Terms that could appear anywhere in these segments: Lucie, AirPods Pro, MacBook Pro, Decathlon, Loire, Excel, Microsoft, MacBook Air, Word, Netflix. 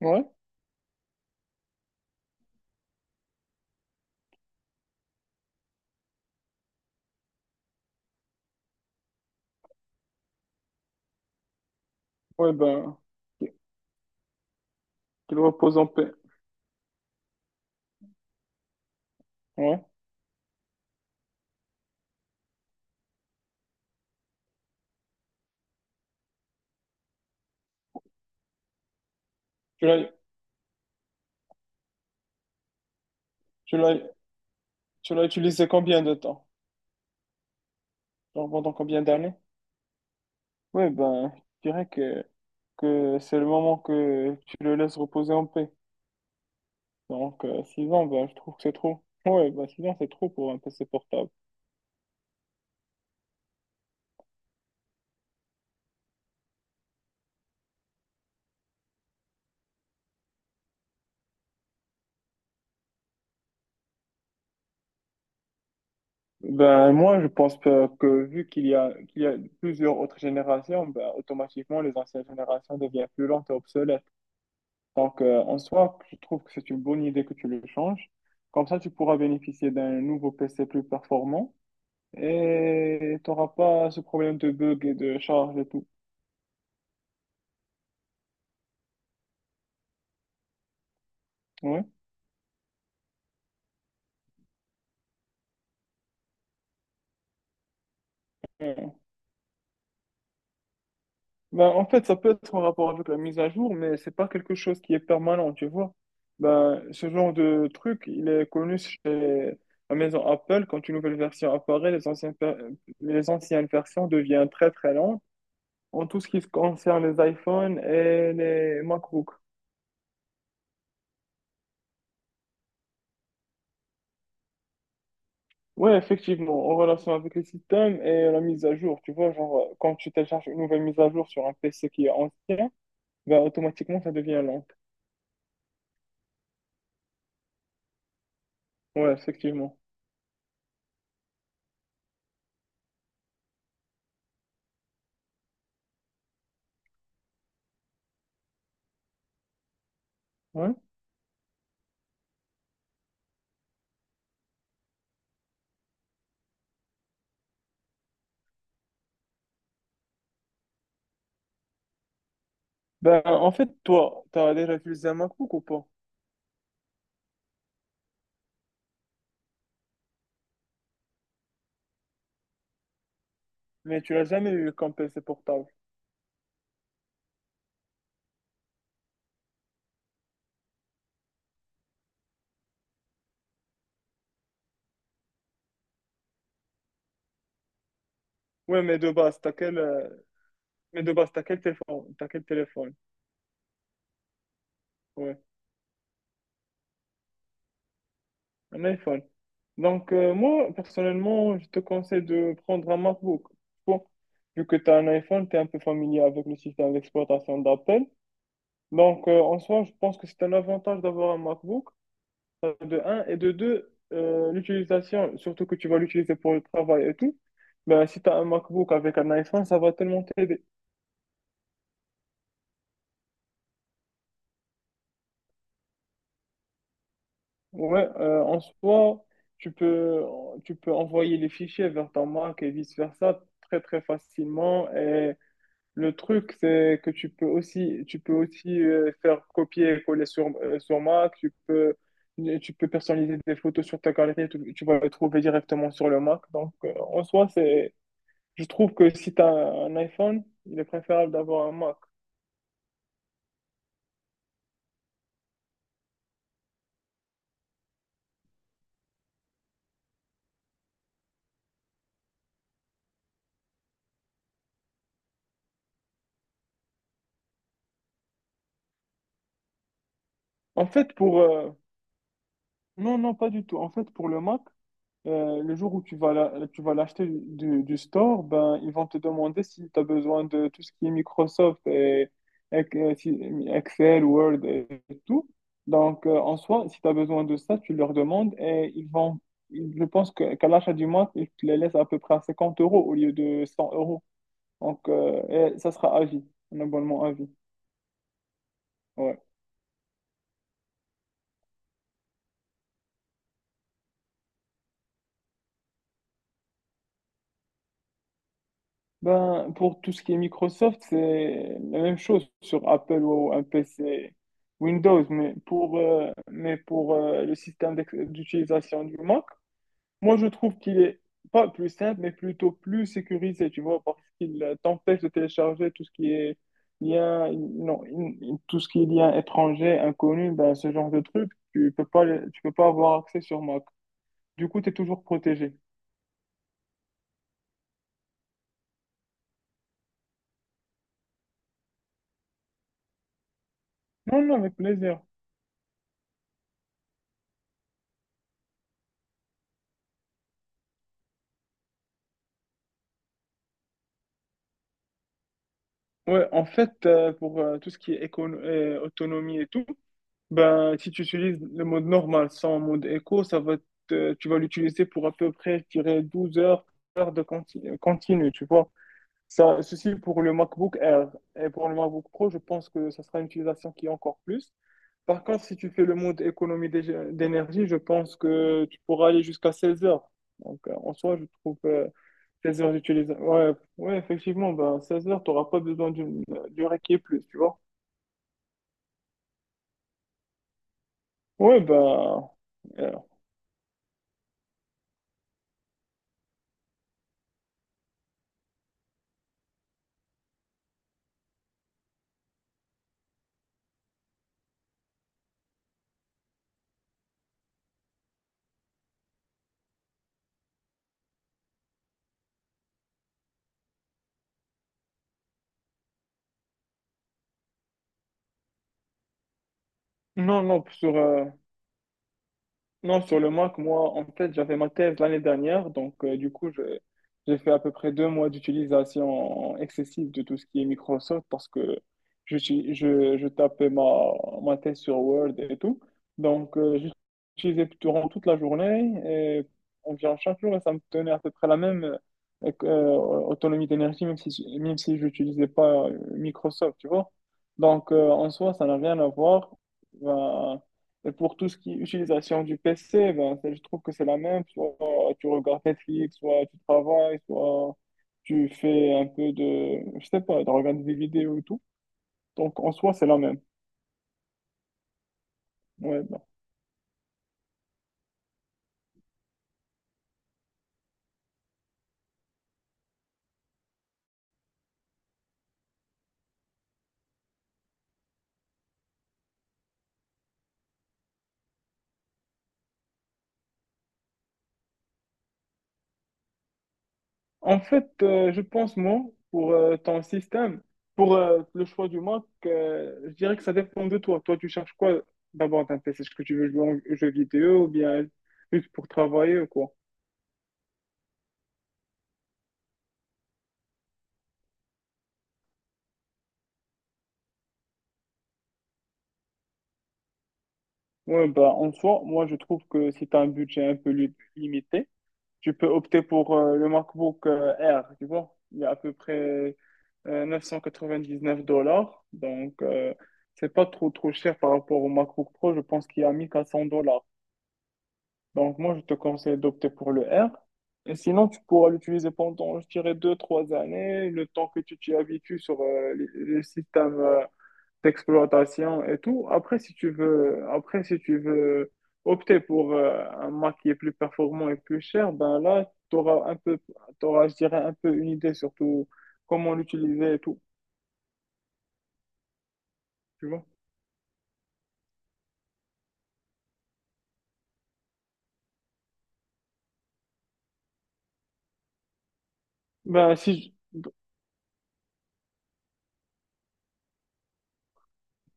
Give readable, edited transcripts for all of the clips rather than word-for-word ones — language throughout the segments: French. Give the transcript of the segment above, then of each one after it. Ouais, ouais, ben, qu'il repose en paix. Ouais. Tu l'as, tu l'as, tu l'as utilisé combien de temps? Genre pendant combien d'années? Ouais, ben, je dirais que c'est le moment que tu le laisses reposer en paix. Donc, 6 ans, ben, je trouve que c'est trop. Ouais, ben, 6 ans, c'est trop pour un PC portable. Ben, moi, je pense que vu qu'il y a plusieurs autres générations, ben, automatiquement, les anciennes générations deviennent plus lentes et obsolètes. Donc, en soi, je trouve que c'est une bonne idée que tu le changes. Comme ça, tu pourras bénéficier d'un nouveau PC plus performant et tu n'auras pas ce problème de bug et de charge et tout. Ouais. Ouais. Ben, en fait, ça peut être en rapport avec la mise à jour, mais c'est pas quelque chose qui est permanent, tu vois. Ben, ce genre de truc, il est connu chez la maison Apple. Quand une nouvelle version apparaît, les anciennes, les anciennes versions deviennent très très lentes en tout ce qui concerne les iPhones et les MacBooks. Ouais, effectivement, en relation avec les systèmes et la mise à jour, tu vois, genre, quand tu télécharges une nouvelle mise à jour sur un PC qui est ancien, ben automatiquement, ça devient lent. Ouais, effectivement. Ouais. Ben, en fait, toi, t'as déjà utilisé un MacBook ou pas? Mais tu l'as jamais eu comme PC portable. Ouais, mais de base, t'as quel téléphone? T'as quel téléphone? Ouais, un iPhone. Donc, moi, personnellement, je te conseille de prendre un MacBook. Bon, vu que tu as un iPhone, tu es un peu familier avec le système d'exploitation d'Apple. Donc, en soi, je pense que c'est un avantage d'avoir un MacBook, de un, et de deux, l'utilisation, surtout que tu vas l'utiliser pour le travail et tout, ben, si tu as un MacBook avec un iPhone, ça va tellement t'aider. Ouais, en soi, tu peux, tu peux envoyer les fichiers vers ton Mac et vice-versa très, très facilement. Et le truc, c'est que tu peux aussi faire copier et coller sur Mac, tu peux personnaliser tes photos sur ta galerie, tu vas les trouver directement sur le Mac. Donc, en soi, c'est, je trouve que si tu as un iPhone, il est préférable d'avoir un Mac. En fait, pour, euh, non, non, pas du tout. En fait, pour le Mac, le jour où tu vas l'acheter du store, ben, ils vont te demander si tu as besoin de tout ce qui est Microsoft et Excel, Word et tout. Donc, en soi, si tu as besoin de ça, tu leur demandes et ils vont, je pense qu'à l'achat du mois, ils te les laissent à peu près à 50 € au lieu de 100 euros. Donc, et ça sera à vie, un abonnement à vie. Ouais. Ben, pour tout ce qui est Microsoft, c'est la même chose sur Apple ou un PC Windows, mais pour le système d'utilisation du Mac, moi je trouve qu'il est pas plus simple, mais plutôt plus sécurisé, tu vois, parce qu'il t'empêche de télécharger tout ce qui est lien, non, tout ce qui est lien étranger, inconnu, ben, ce genre de truc, tu peux pas, tu peux pas avoir accès sur Mac. Du coup, tu es toujours protégé. Non, non, avec plaisir. Ouais, en fait, pour tout ce qui est autonomie et tout, ben, si tu utilises le mode normal sans mode éco, ça va tu vas l'utiliser pour à peu près, je dirais, 12 heures, heures de continu, tu vois. Ça, ceci pour le MacBook Air. Et pour le MacBook Pro, je pense que ça sera une utilisation qui est encore plus. Par contre, si tu fais le mode économie d'énergie, je pense que tu pourras aller jusqu'à 16 heures. Donc, en soi, je trouve 16 heures d'utilisation. Ouais, ouais, effectivement, bah, 16 heures, t'auras pas besoin d'une durée qui est plus, tu vois. Ouais, bah. euh, non, non, sur, euh, Non, sur le Mac, moi, en fait, j'avais ma thèse l'année dernière, donc du coup, j'ai fait à peu près 2 mois d'utilisation excessive de tout ce qui est Microsoft parce que je tapais ma, ma thèse sur Word et tout. Donc, j'utilisais durant toute la journée, et environ chaque jour, et ça me tenait à peu près la même autonomie d'énergie, même si je n'utilisais pas Microsoft, tu vois. Donc, en soi, ça n'a rien à voir. Ben, et pour tout ce qui est utilisation du PC, ben, je trouve que c'est la même. Soit tu regardes Netflix, soit tu travailles, soit tu fais un peu de, je sais pas, de regarder des vidéos et tout. Donc, en soi, c'est la même. Ouais, ben. En fait, je pense, moi, pour ton système, pour le choix du Mac, je dirais que ça dépend de toi. Toi, tu cherches quoi d'abord d'un PC? Est-ce que tu veux jouer aux jeux vidéo ou bien juste pour travailler ou quoi? Ouais, bah, en soi, moi, je trouve que si tu as un budget un peu limité, tu peux opter pour le MacBook Air, tu vois. Il est à peu près 999 dollars. Donc, c'est pas trop, trop cher par rapport au MacBook Pro. Je pense qu'il est à 1400 dollars. Donc, moi, je te conseille d'opter pour le R, et sinon, tu pourras l'utiliser pendant, je dirais, 2, 3 années, le temps que tu t'y habitues sur le système d'exploitation et tout. Après, si tu veux, après, si tu veux opter pour un Mac qui est plus performant et plus cher, ben là, tu auras un peu, t'auras, je dirais, un peu une idée surtout comment l'utiliser et tout, tu vois. Ben, si je-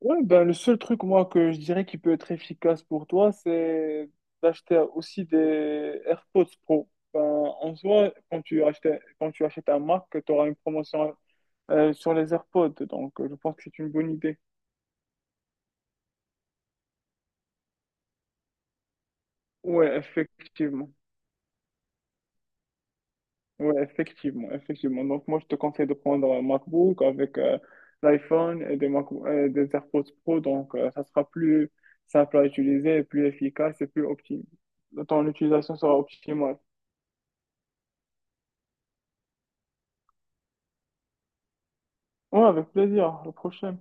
Ouais, ben, le seul truc, moi, que je dirais qui peut être efficace pour toi, c'est d'acheter aussi des AirPods Pro. Ben, en soi, quand tu achètes un Mac, tu auras une promotion sur les AirPods. Donc, je pense que c'est une bonne idée. Ouais, effectivement. Ouais, effectivement, effectivement. Donc, moi, je te conseille de prendre un MacBook avec l'iPhone et des, Mac et des AirPods Pro. Donc, ça sera plus simple à utiliser, et plus efficace et plus optimal. Ton utilisation sera optimale. Ouais, avec plaisir. Au prochain.